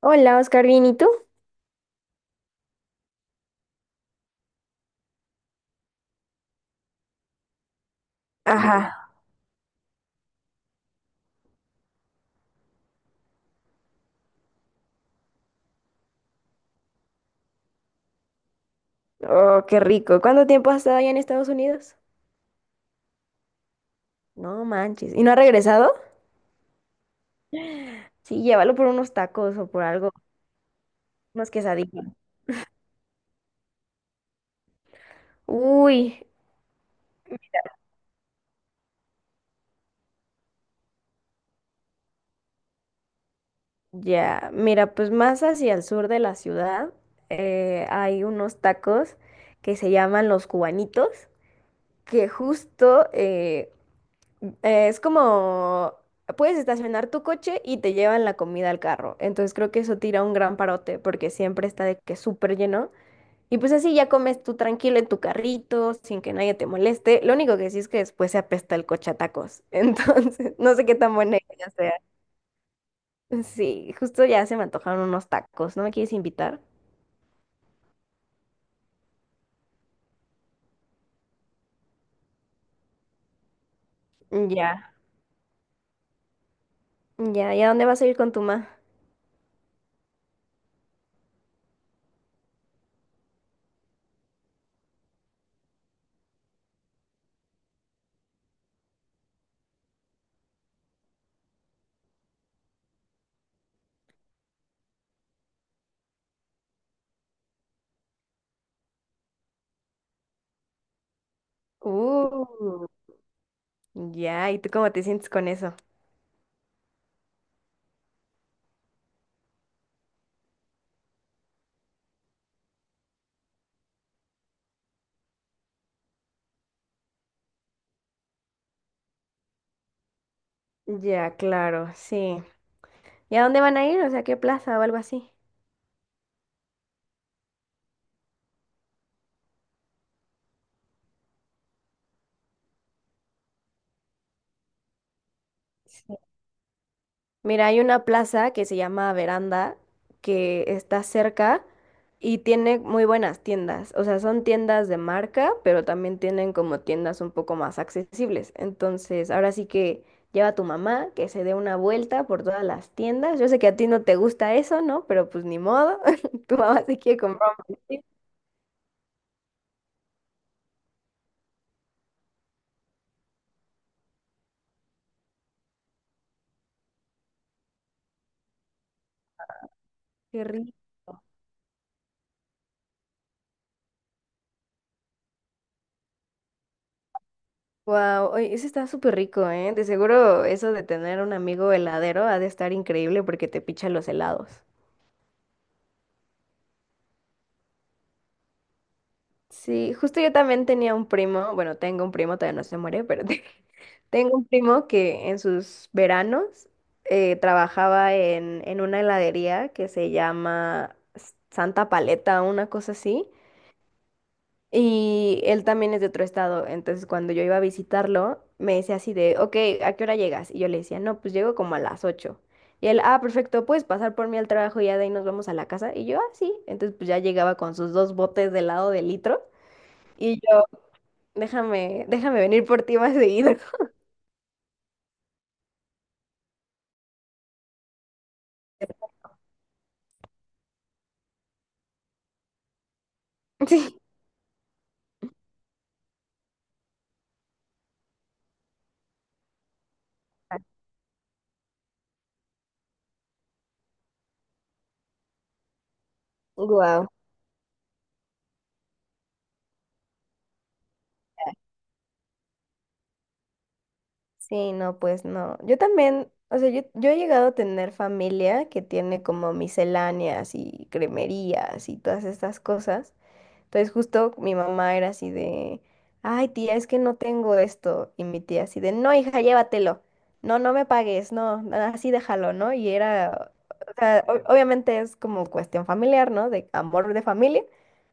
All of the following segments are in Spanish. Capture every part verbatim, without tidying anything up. Hola, Oscar, ¿bien y tú? Ajá. Oh, qué rico. ¿Cuánto tiempo has estado allá en Estados Unidos? No manches. ¿Y no ha regresado? Sí, llévalo por unos tacos o por algo, unos quesadillas. Uy, ya. Mira, pues más hacia el sur de la ciudad eh, hay unos tacos que se llaman los cubanitos, que justo eh, eh, es como puedes estacionar tu coche y te llevan la comida al carro. Entonces creo que eso tira un gran parote porque siempre está de que súper lleno. Y pues así ya comes tú tranquilo en tu carrito, sin que nadie te moleste. Lo único que sí es que después se apesta el coche a tacos. Entonces, no sé qué tan buena idea sea. Sí, justo ya se me antojaron unos tacos. ¿No me quieres invitar? Ya. Ya, ¿y a dónde vas a ir con tu ma? Uh, ya, ¿y tú cómo te sientes con eso? Ya, claro, sí. ¿Y a dónde van a ir? O sea, ¿qué plaza o algo así? Sí. Mira, hay una plaza que se llama Veranda, que está cerca y tiene muy buenas tiendas. O sea, son tiendas de marca, pero también tienen como tiendas un poco más accesibles. Entonces, ahora sí que lleva a tu mamá que se dé una vuelta por todas las tiendas. Yo sé que a ti no te gusta eso, ¿no? Pero pues ni modo. Tu mamá se quiere comprar un vestido. Qué rico. Wow, eso está súper rico, ¿eh? De seguro eso de tener un amigo heladero ha de estar increíble porque te picha los helados. Sí, justo yo también tenía un primo, bueno, tengo un primo, todavía no se muere, pero te- tengo un primo que en sus veranos eh, trabajaba en, en una heladería que se llama S- Santa Paleta, una cosa así, y él también es de otro estado, entonces cuando yo iba a visitarlo, me decía así de, ok, ¿a qué hora llegas? Y yo le decía, no, pues llego como a las ocho. Y él, ah, perfecto, puedes pasar por mí al trabajo y ya de ahí nos vamos a la casa. Y yo, ah, sí. Entonces, pues ya llegaba con sus dos botes de helado de litro. Y yo, Déjame, déjame venir por ti más seguido. Sí. Wow. Sí, no, pues no. Yo también, o sea, yo, yo he llegado a tener familia que tiene como misceláneas y cremerías y todas estas cosas. Entonces justo mi mamá era así de, ay tía, es que no tengo esto. Y mi tía así de, no, hija, llévatelo. No, no me pagues, no, así déjalo, ¿no? Y era, o sea, o- obviamente es como cuestión familiar, ¿no? De amor de familia.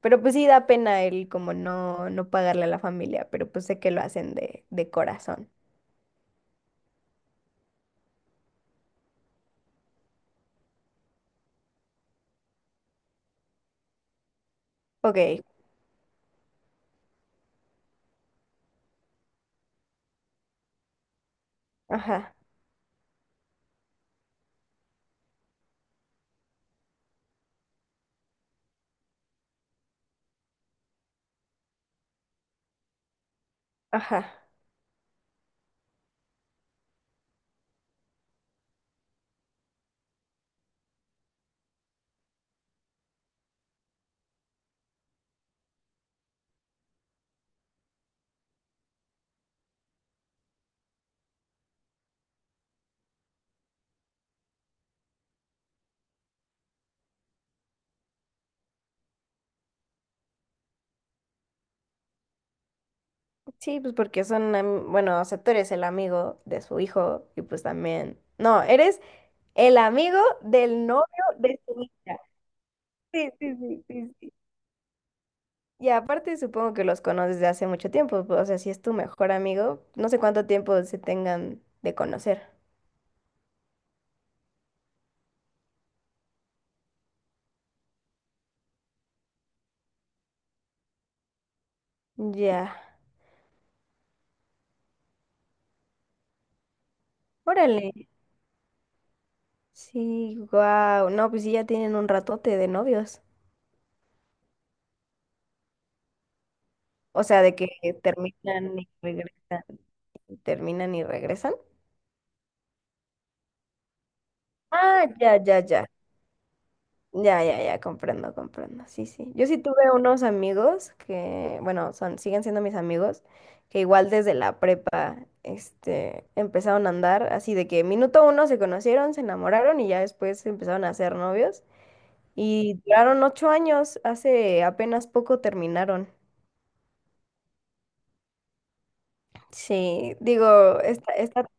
Pero pues sí da pena el como no, no pagarle a la familia, pero pues sé que lo hacen de, de corazón. Ok, ajá, ajá. Sí, pues porque son, am- bueno, o sea, tú eres el amigo de su hijo y pues también, no, eres el amigo del novio de su hija. Sí, sí, sí, sí, sí. Y aparte supongo que los conoces de hace mucho tiempo, pues, o sea, si es tu mejor amigo, no sé cuánto tiempo se tengan de conocer. Ya, órale. Sí, wow. No, pues sí, ya tienen un ratote de novios. O sea, de que terminan y regresan, terminan y regresan. Ah, ya, ya, ya. Ya, ya, ya, comprendo, comprendo. Sí, sí. Yo sí tuve unos amigos que, bueno, son, siguen siendo mis amigos, que igual desde la prepa, este, empezaron a andar así de que minuto uno se conocieron, se enamoraron y ya después se empezaron a ser novios. Y duraron ocho años, hace apenas poco terminaron. Sí, digo, esta, esta,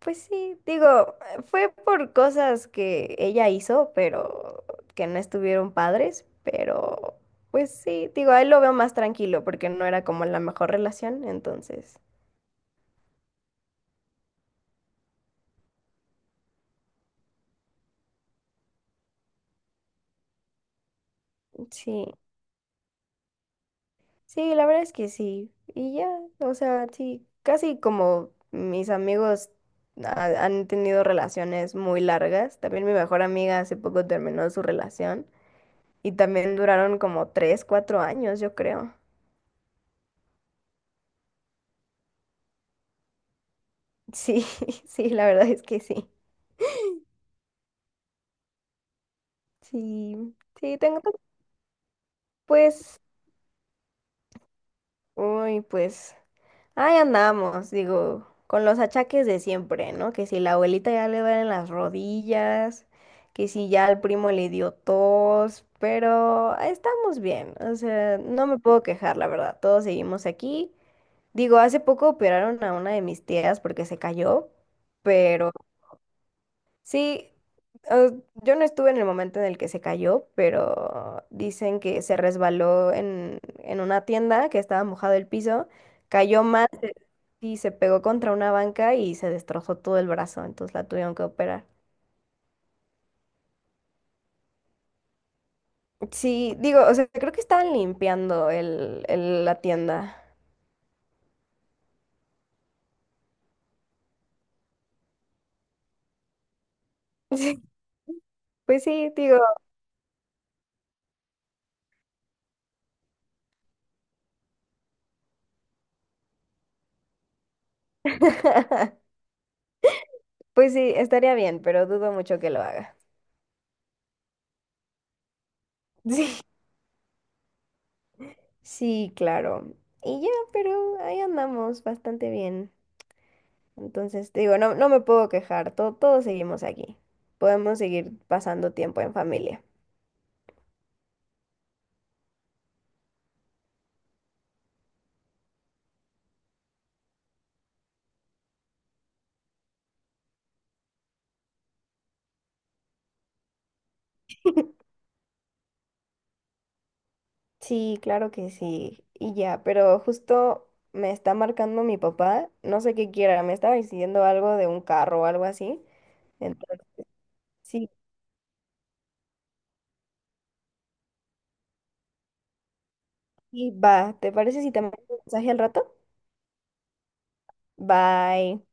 pues sí, digo, fue por cosas que ella hizo, pero que no estuvieron padres, pero pues sí, digo, a él lo veo más tranquilo porque no era como la mejor relación, entonces, sí, sí, la verdad es que sí, y ya, o sea, sí, casi como mis amigos ha- han tenido relaciones muy largas, también mi mejor amiga hace poco terminó su relación y también duraron como tres, cuatro años, yo creo. Sí, sí, la verdad es que sí. Sí, sí, tengo pues, uy, pues, ahí andamos, digo, con los achaques de siempre, ¿no? Que si la abuelita ya le duelen las rodillas, que si ya al primo le dio tos, pero estamos bien, o sea, no me puedo quejar, la verdad, todos seguimos aquí. Digo, hace poco operaron a una de mis tías porque se cayó. Sí, eh, yo no estuve en el momento en el que se cayó, pero dicen que se resbaló en, en una tienda que estaba mojado el piso, cayó más y se pegó contra una banca y se destrozó todo el brazo, entonces la tuvieron que operar. Sí, digo, o sea, creo que estaban limpiando el, el- la tienda. Sí, pues sí, digo, pues sí, estaría bien, pero dudo mucho que lo haga. Sí, sí, claro. Y ya, pero ahí andamos bastante bien. Entonces, te digo, no, no me puedo quejar, todo, todos seguimos aquí. Podemos seguir pasando tiempo en familia. Sí, claro que sí, y ya, pero justo me está marcando mi papá, no sé qué quiera, me estaba diciendo algo de un carro o algo así. Entonces, sí, sí, va, ¿te parece si te mando un mensaje al rato? Bye.